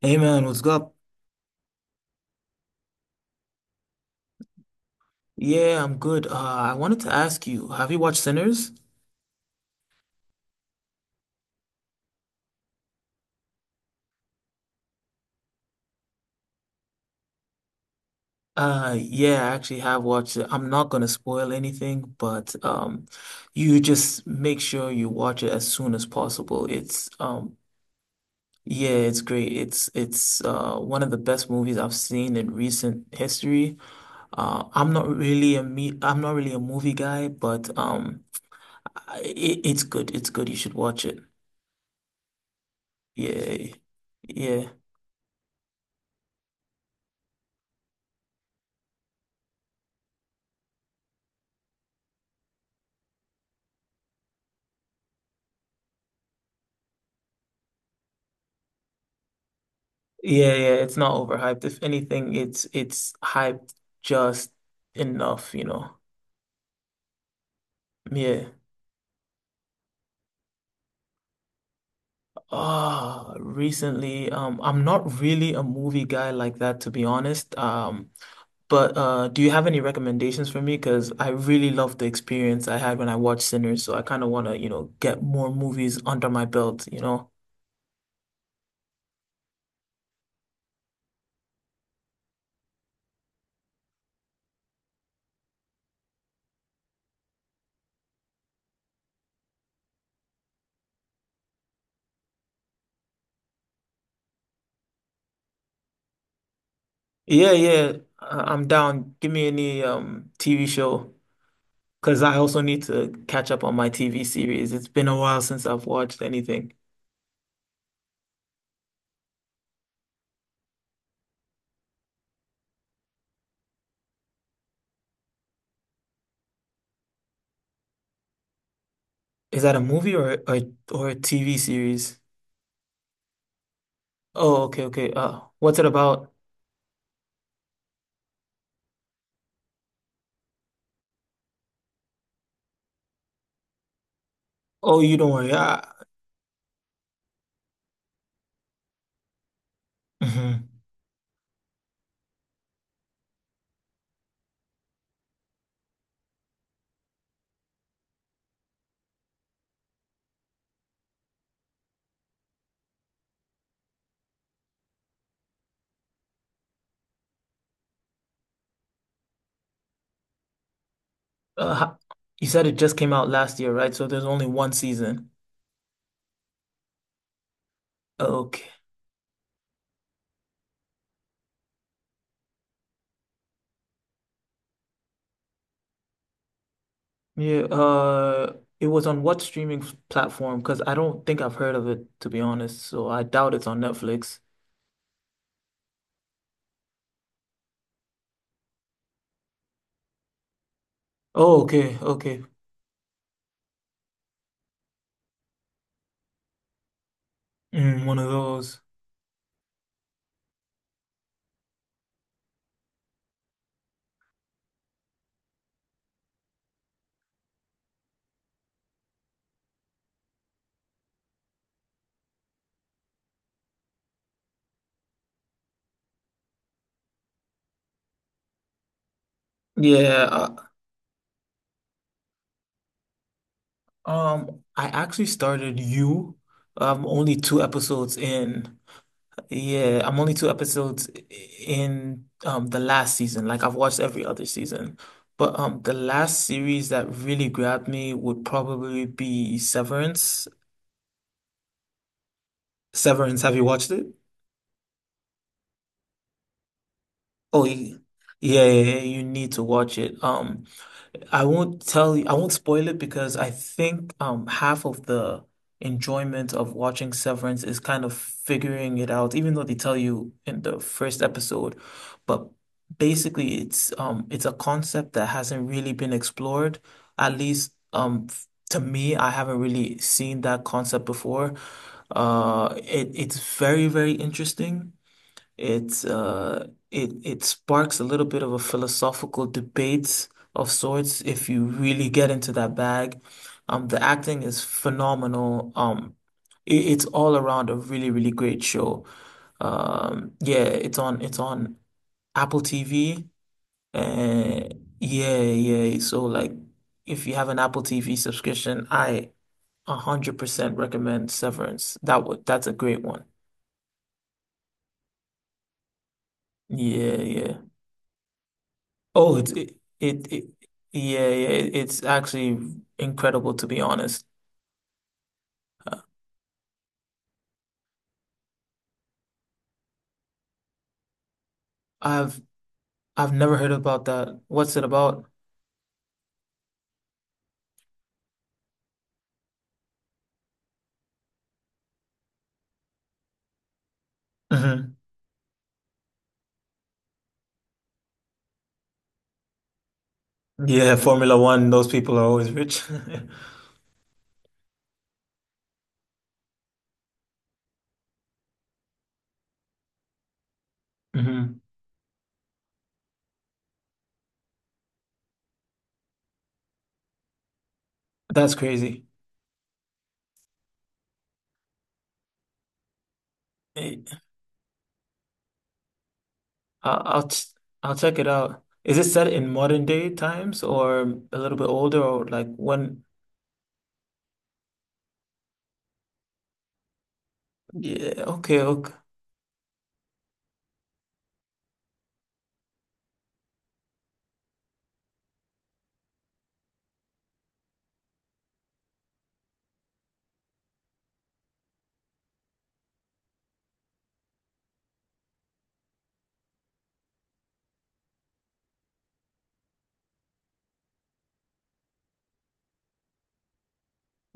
Hey man, what's up? Yeah, I'm good. I wanted to ask you, have you watched Sinners? Yeah, I actually have watched it. I'm not gonna spoil anything, but you just make sure you watch it as soon as possible. It's yeah, it's great. It's one of the best movies I've seen in recent history. I'm not really a me I'm not really a movie guy, but it's good. It's good. You should watch it. Yeah, yeah. Yeah, yeah, it's not overhyped. If anything, it's hyped just enough, you know. Yeah. Ah, recently, I'm not really a movie guy like that, to be honest. But do you have any recommendations for me? Because I really love the experience I had when I watched Sinners, so I kind of want to, get more movies under my belt, Yeah, yeah, I'm down. Give me any TV show. Because I also need to catch up on my TV series. It's been a while since I've watched anything. Is that a movie or a TV series? Oh, okay, okay. What's it about? Oh, you don't worry. Mhm. Uh, ho- you said it just came out last year, right? So there's only one season. Okay. Yeah. It was on what platform? Because I don't think I've heard of it, to be honest. So I doubt it's on Netflix. Oh, okay, okay. Mm, one of those. Yeah, uh, I actually started you. I'm only two episodes in. Yeah, I'm only two episodes in the last season. Like I've watched every other season. But the last series that really grabbed me would probably be Severance. Severance, have you watched it? Oh, y- yeah, yeah, yeah, you need to watch it. I won't tell you, I won't spoil it because I think half of the enjoyment of watching Severance is kind of figuring it out, even though they tell you in the first episode. But basically it's a concept that hasn't really been explored. At least to me, I haven't really seen that concept before. It's very, very interesting. It sparks a little bit of a philosophical debate of sorts if you really get into that bag. The acting is phenomenal. It's all around a really, really great show. Yeah, it's on Apple TV. Uh, yeah, yeah. So like, if you have an Apple TV subscription, I 100% recommend Severance. That's a great one. Yeah, yeah. Oh, it's it, it, it yeah, yeah, it's actually incredible to be honest. I've I've never heard about that. What's it about? Hmm. Yeah, Formula One, those people are always rich. Hmm. That's crazy. Eh, I'll, I'll ch- I'll check it out. Is it set in modern day times or a little bit older or like when? Yeah, okay, okay.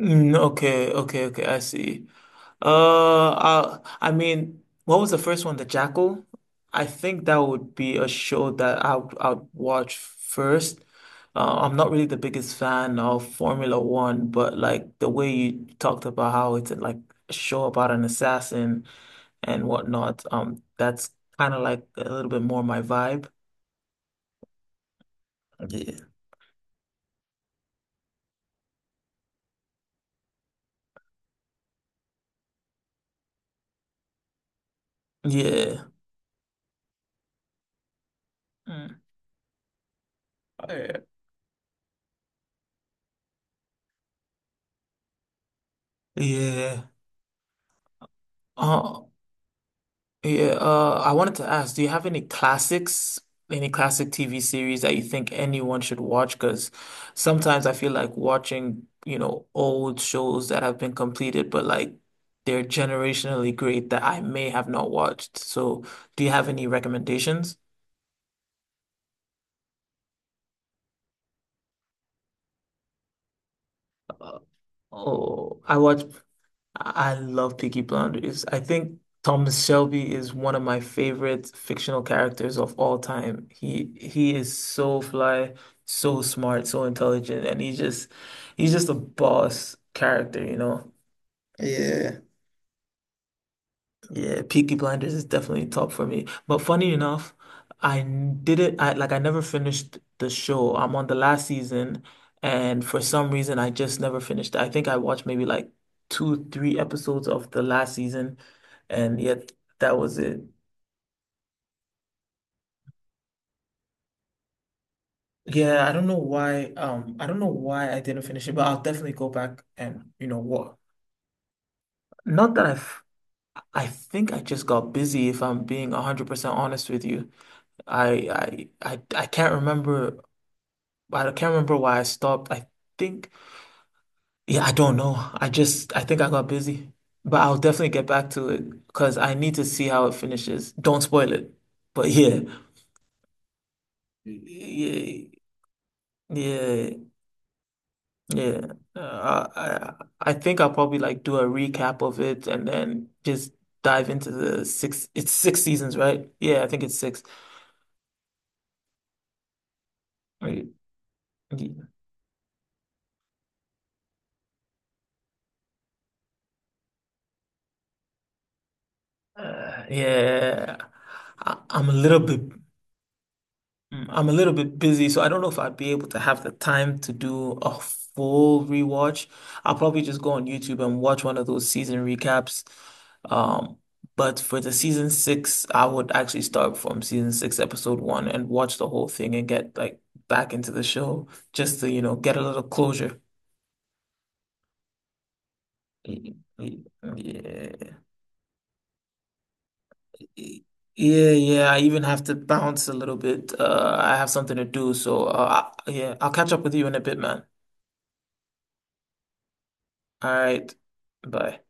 Mm, okay, okay, okay, I see. I mean, what was the first one? The Jackal? I think that would be a show that I would watch first. I'm not really the biggest fan of Formula One, but like the way you talked about how it's like a show about an assassin and whatnot, that's kind of like a little bit more my vibe. Yeah. Yeah. Mm. Oh, yeah. Yeah. Uh, Yeah, I wanted to ask, do you have any classics, any classic TV series that you think anyone should watch? Because sometimes I feel like watching, you know, old shows that have been completed, but like they're generationally great that I may have not watched. So, do you have any recommendations? Uh, oh, I watch. I love Peaky Blinders. I think Thomas Shelby is one of my favorite fictional characters of all time. He is so fly, so smart, so intelligent, and he's just a boss character, you know. Yeah. Yeah, Peaky Blinders is definitely top for me. But funny enough, I n- did it. I like I never finished the show. I'm on the last season, and for some reason, I just never finished it. I think I watched maybe like two, three episodes of the last season, and yet that was it. Yeah, I don't know why. I don't know why I didn't finish it, but I'll definitely go back and you know what? Not that I've. I think I just got busy, if I'm being 100% honest with you. I I I I can't remember I can't remember why I stopped. Think, yeah, I don't know. I think I got busy. But I'll definitely get back to it because I need to see how it finishes. Don't spoil it. But yeah, yeah, yeah, yeah. Uh, I, I think I'll probably like do a recap of it and then just dive into the six. It's six seasons, right? Yeah, I think it's six. Right. Uh, yeah, I'm a little bit. Mm, I'm a little bit busy, so I don't know if I'd be able to have the time to do a full rewatch. I'll probably just go on YouTube and watch one of those season recaps. Um, but for the season six, I would actually start from season six, episode one, and watch the whole thing and get like back into the show just to, you know, get a little closure. Y- y- Yeah. Y- Yeah, yeah. I even have to bounce a little bit. I have something to do, so yeah, I'll catch up with you in a bit, man. All right. Bye.